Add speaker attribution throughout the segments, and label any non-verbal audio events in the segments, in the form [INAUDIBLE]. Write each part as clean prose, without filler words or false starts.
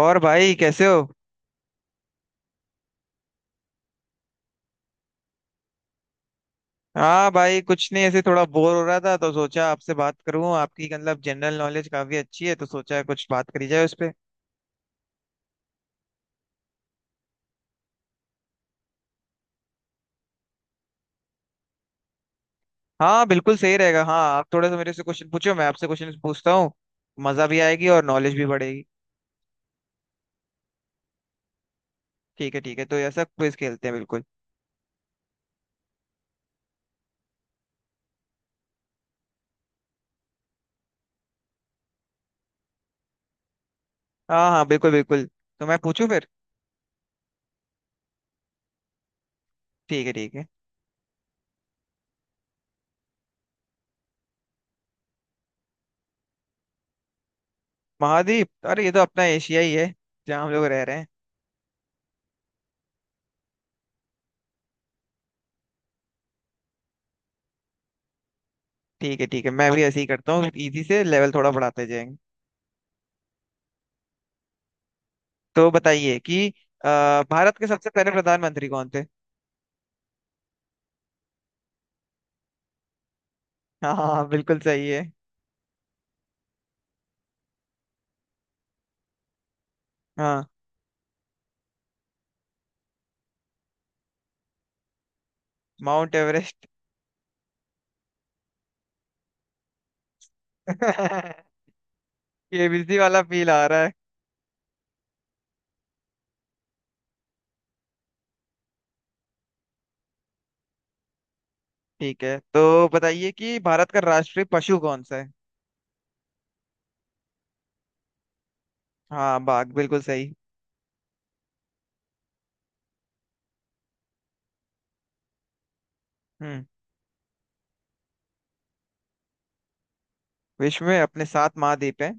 Speaker 1: और भाई, कैसे हो। हाँ भाई, कुछ नहीं, ऐसे थोड़ा बोर हो रहा था तो सोचा आपसे बात करूं। आपकी मतलब जनरल नॉलेज काफी अच्छी है, तो सोचा कुछ बात करी जाए उस पे। हाँ बिल्कुल सही रहेगा। हाँ, आप थोड़ा सा मेरे से क्वेश्चन पूछो, मैं आपसे क्वेश्चन पूछता हूँ। मजा भी आएगी और नॉलेज भी बढ़ेगी। ठीक है ठीक है, तो ऐसा क्विज खेलते हैं, बिल्कुल। हाँ हाँ, बिल्कुल बिल्कुल। तो मैं पूछूं फिर। ठीक है ठीक है। महाद्वीप? अरे ये तो अपना एशिया ही है, जहाँ हम लोग रह रहे हैं। ठीक है ठीक है, मैं भी ऐसे ही करता हूँ, इजी से लेवल थोड़ा बढ़ाते जाएंगे। तो बताइए कि अ, भारत के सबसे पहले प्रधानमंत्री कौन थे। हाँ हाँ बिल्कुल सही है। हाँ, माउंट एवरेस्ट। [LAUGHS] केबीसी वाला फील आ रहा है। ठीक है, तो बताइए कि भारत का राष्ट्रीय पशु कौन सा है। हाँ, बाघ बिल्कुल सही। हम्म। विश्व में अपने सात महाद्वीप हैं।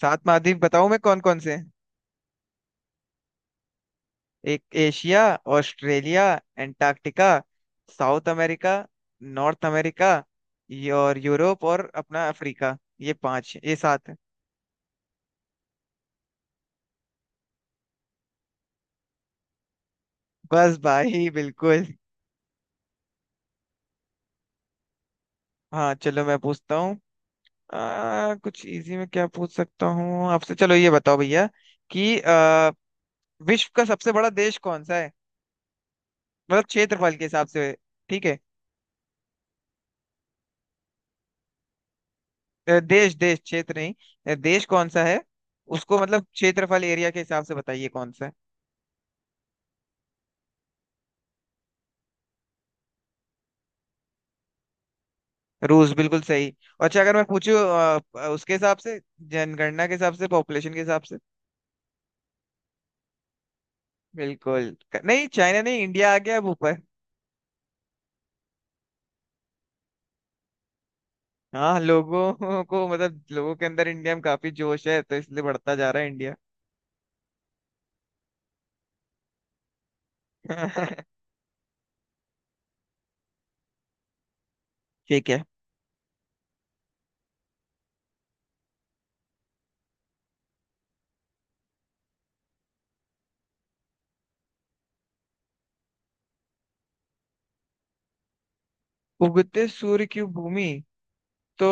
Speaker 1: सात महाद्वीप, बताऊं मैं कौन कौन से हैं? एक Asia, Australia, Antarctica, South America, North America, ये और यूरोप और अपना अफ्रीका, ये पांच, ये सात। बस भाई, बिल्कुल। हाँ चलो, मैं पूछता हूँ। कुछ इजी में क्या पूछ सकता हूँ आपसे? चलो ये बताओ भैया कि विश्व का सबसे बड़ा देश कौन सा है, मतलब क्षेत्रफल के हिसाब से। ठीक है। देश, देश, क्षेत्र नहीं। देश कौन सा है। उसको मतलब क्षेत्रफल, एरिया के हिसाब से बताइए कौन सा है। रूस बिल्कुल सही। अच्छा, अगर मैं पूछूँ उसके हिसाब से, जनगणना के हिसाब से, पॉपुलेशन के हिसाब से। बिल्कुल। नहीं, चाइना नहीं, इंडिया आ गया अब ऊपर। हाँ, लोगों को मतलब लोगों के अंदर इंडिया में काफी जोश है, तो इसलिए बढ़ता जा रहा है इंडिया। [LAUGHS] ठीक है। उगते सूर्य की भूमि। तो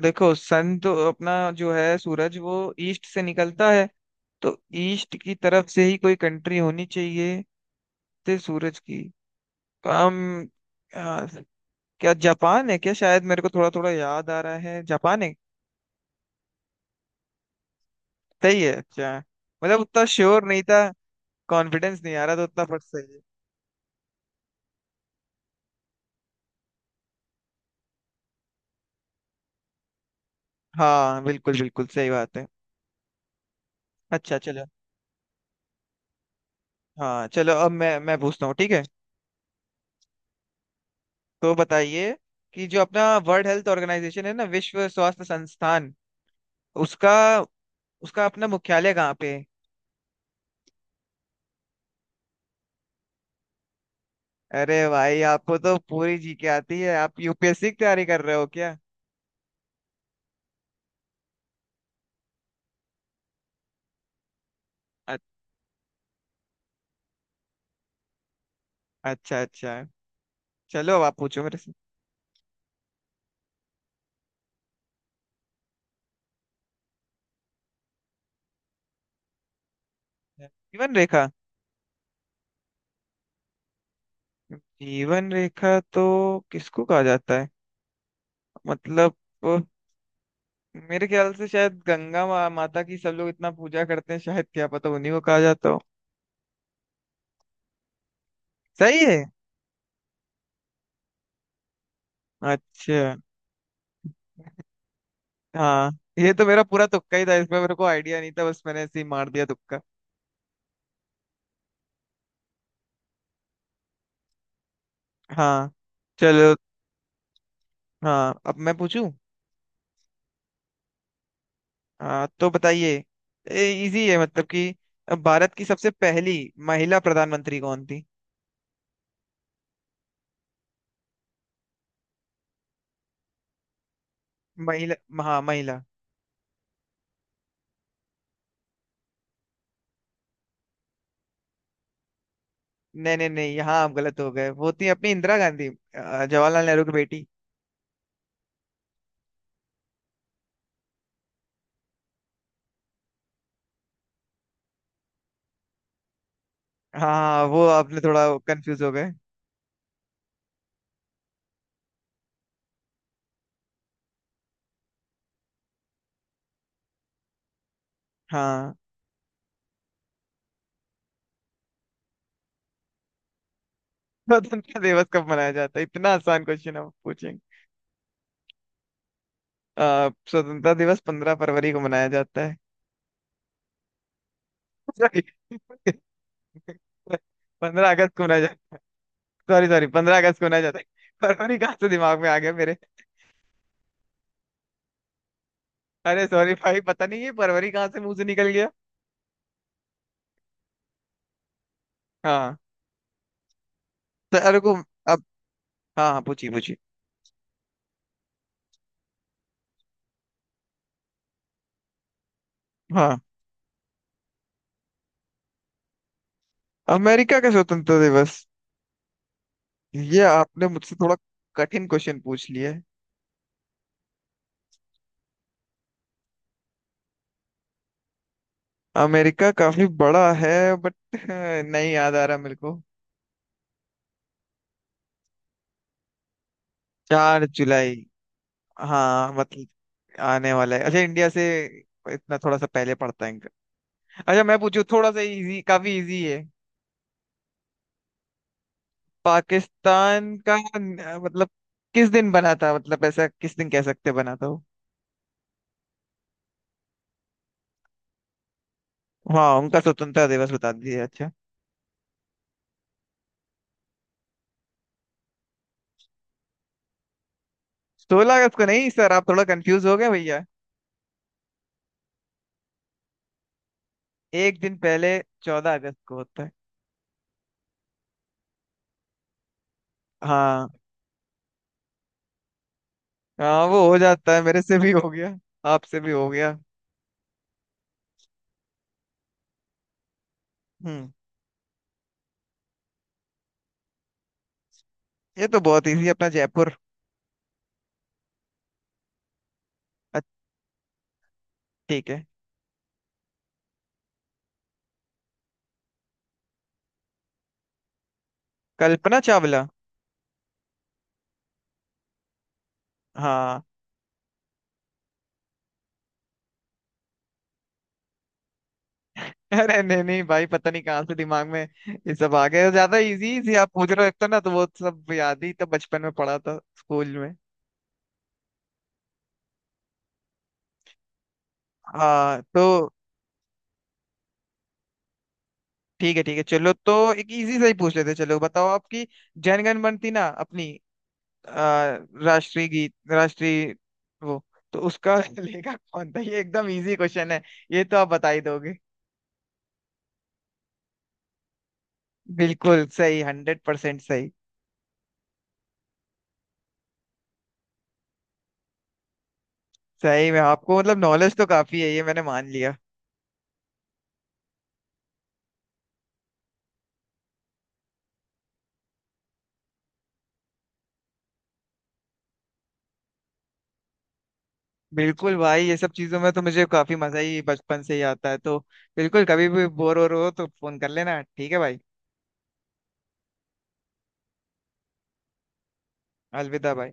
Speaker 1: देखो, सन तो अपना, जो है सूरज, वो ईस्ट से निकलता है। तो ईस्ट की तरफ से ही कोई कंट्री होनी चाहिए ते सूरज की। तो हम, आ, क्या जापान है क्या? शायद मेरे को थोड़ा थोड़ा याद आ रहा है, जापान है। सही है, अच्छा। मतलब उतना श्योर नहीं था। कॉन्फिडेंस नहीं आ रहा था उतना, पर सही है। हाँ बिल्कुल बिल्कुल सही बात है, अच्छा चलो। हाँ चलो, अब मैं पूछता हूँ, ठीक है। तो बताइए कि जो अपना वर्ल्ड हेल्थ ऑर्गेनाइजेशन है ना, विश्व स्वास्थ्य संस्थान, उसका उसका अपना मुख्यालय कहाँ पे है? अरे भाई, आपको तो पूरी जी के आती है। आप यूपीएससी की तैयारी कर रहे हो क्या? अ- अच्छा अच्छा। चलो, अब आप पूछो मेरे से। जीवन रेखा। जीवन रेखा तो किसको कहा जाता है? मतलब वो, मेरे ख्याल से शायद गंगा माता की सब लोग इतना पूजा करते हैं, शायद क्या पता उन्हीं को कहा जाता हो। सही है, अच्छा। हाँ। ये तो मेरा पूरा तुक्का ही था, इसमें मेरे को आइडिया नहीं था, बस मैंने ऐसे ही मार दिया तुक्का। हाँ चलो, हाँ, अब मैं पूछूं। हाँ, तो बताइए, इजी है मतलब, कि भारत की सबसे पहली महिला प्रधानमंत्री कौन थी? महिला, हाँ महिला। नहीं नहीं नहीं, यहाँ आप गलत हो गए। वो थी अपनी इंदिरा गांधी, जवाहरलाल नेहरू की बेटी। हाँ हाँ, वो आपने थोड़ा कंफ्यूज हो गए। हाँ, स्वतंत्रता दिवस कब मनाया जाता है? इतना आसान क्वेश्चन आप पूछे। स्वतंत्रता दिवस 15 फरवरी को मनाया जाता है। सॉरी, 15 अगस्त को मनाया जाता। सॉरी सॉरी, 15 अगस्त को मनाया जाता है। फरवरी कहाँ से दिमाग में आ गया मेरे? अरे सॉरी भाई, पता नहीं ये फरवरी कहाँ से मुंह से निकल गया। हाँ तो अरे को अब। हाँ हाँ, पूछिए पूछिए। हाँ, अमेरिका का स्वतंत्रता दिवस। ये आपने मुझसे थोड़ा कठिन क्वेश्चन पूछ लिया है। अमेरिका काफी बड़ा है, बट [LAUGHS] नहीं याद आ रहा मेरे को। 4 जुलाई, हाँ मतलब आने वाला है, अच्छा। इंडिया से इतना थोड़ा सा पहले पड़ता है इनका। अच्छा, मैं पूछू थोड़ा सा इजी, काफी इजी है। पाकिस्तान का मतलब किस दिन बना था, मतलब ऐसा किस दिन कह सकते बना था वो? हाँ, उनका स्वतंत्रता दिवस बता दीजिए, अच्छा। 16 अगस्त को नहीं सर, आप थोड़ा कंफ्यूज हो गए भैया। एक दिन पहले 14 अगस्त को होता है। हाँ हाँ, वो हो जाता है, मेरे से भी हो गया। आपसे भी हो गया। हम्म। ये तो बहुत इजी है, अपना जयपुर। अ- ठीक है। कल्पना चावला। हाँ। अरे नहीं नहीं भाई, पता नहीं कहाँ से दिमाग में ये सब आ गया। ज्यादा इजी से आप पूछ रहे हो, एक तो ना, तो वो सब याद ही तो बचपन में पढ़ा था स्कूल में। हाँ तो। ठीक है ठीक है, चलो तो एक इजी सा ही पूछ लेते हैं। चलो बताओ, आपकी जनगण, बनती ना अपनी अ, राष्ट्रीय गीत, राष्ट्रीय वो, तो उसका [LAUGHS] लेखक कौन था? ये एकदम इजी क्वेश्चन है, ये तो आप बता ही दोगे। बिल्कुल सही, 100% सही। सही में आपको मतलब नॉलेज तो काफी है, ये मैंने मान लिया। बिल्कुल भाई, ये सब चीजों में तो मुझे काफी मजा ही बचपन से ही आता है तो। बिल्कुल, कभी भी बोर हो रहे हो तो फोन कर लेना, ठीक है भाई। अलविदा भाई।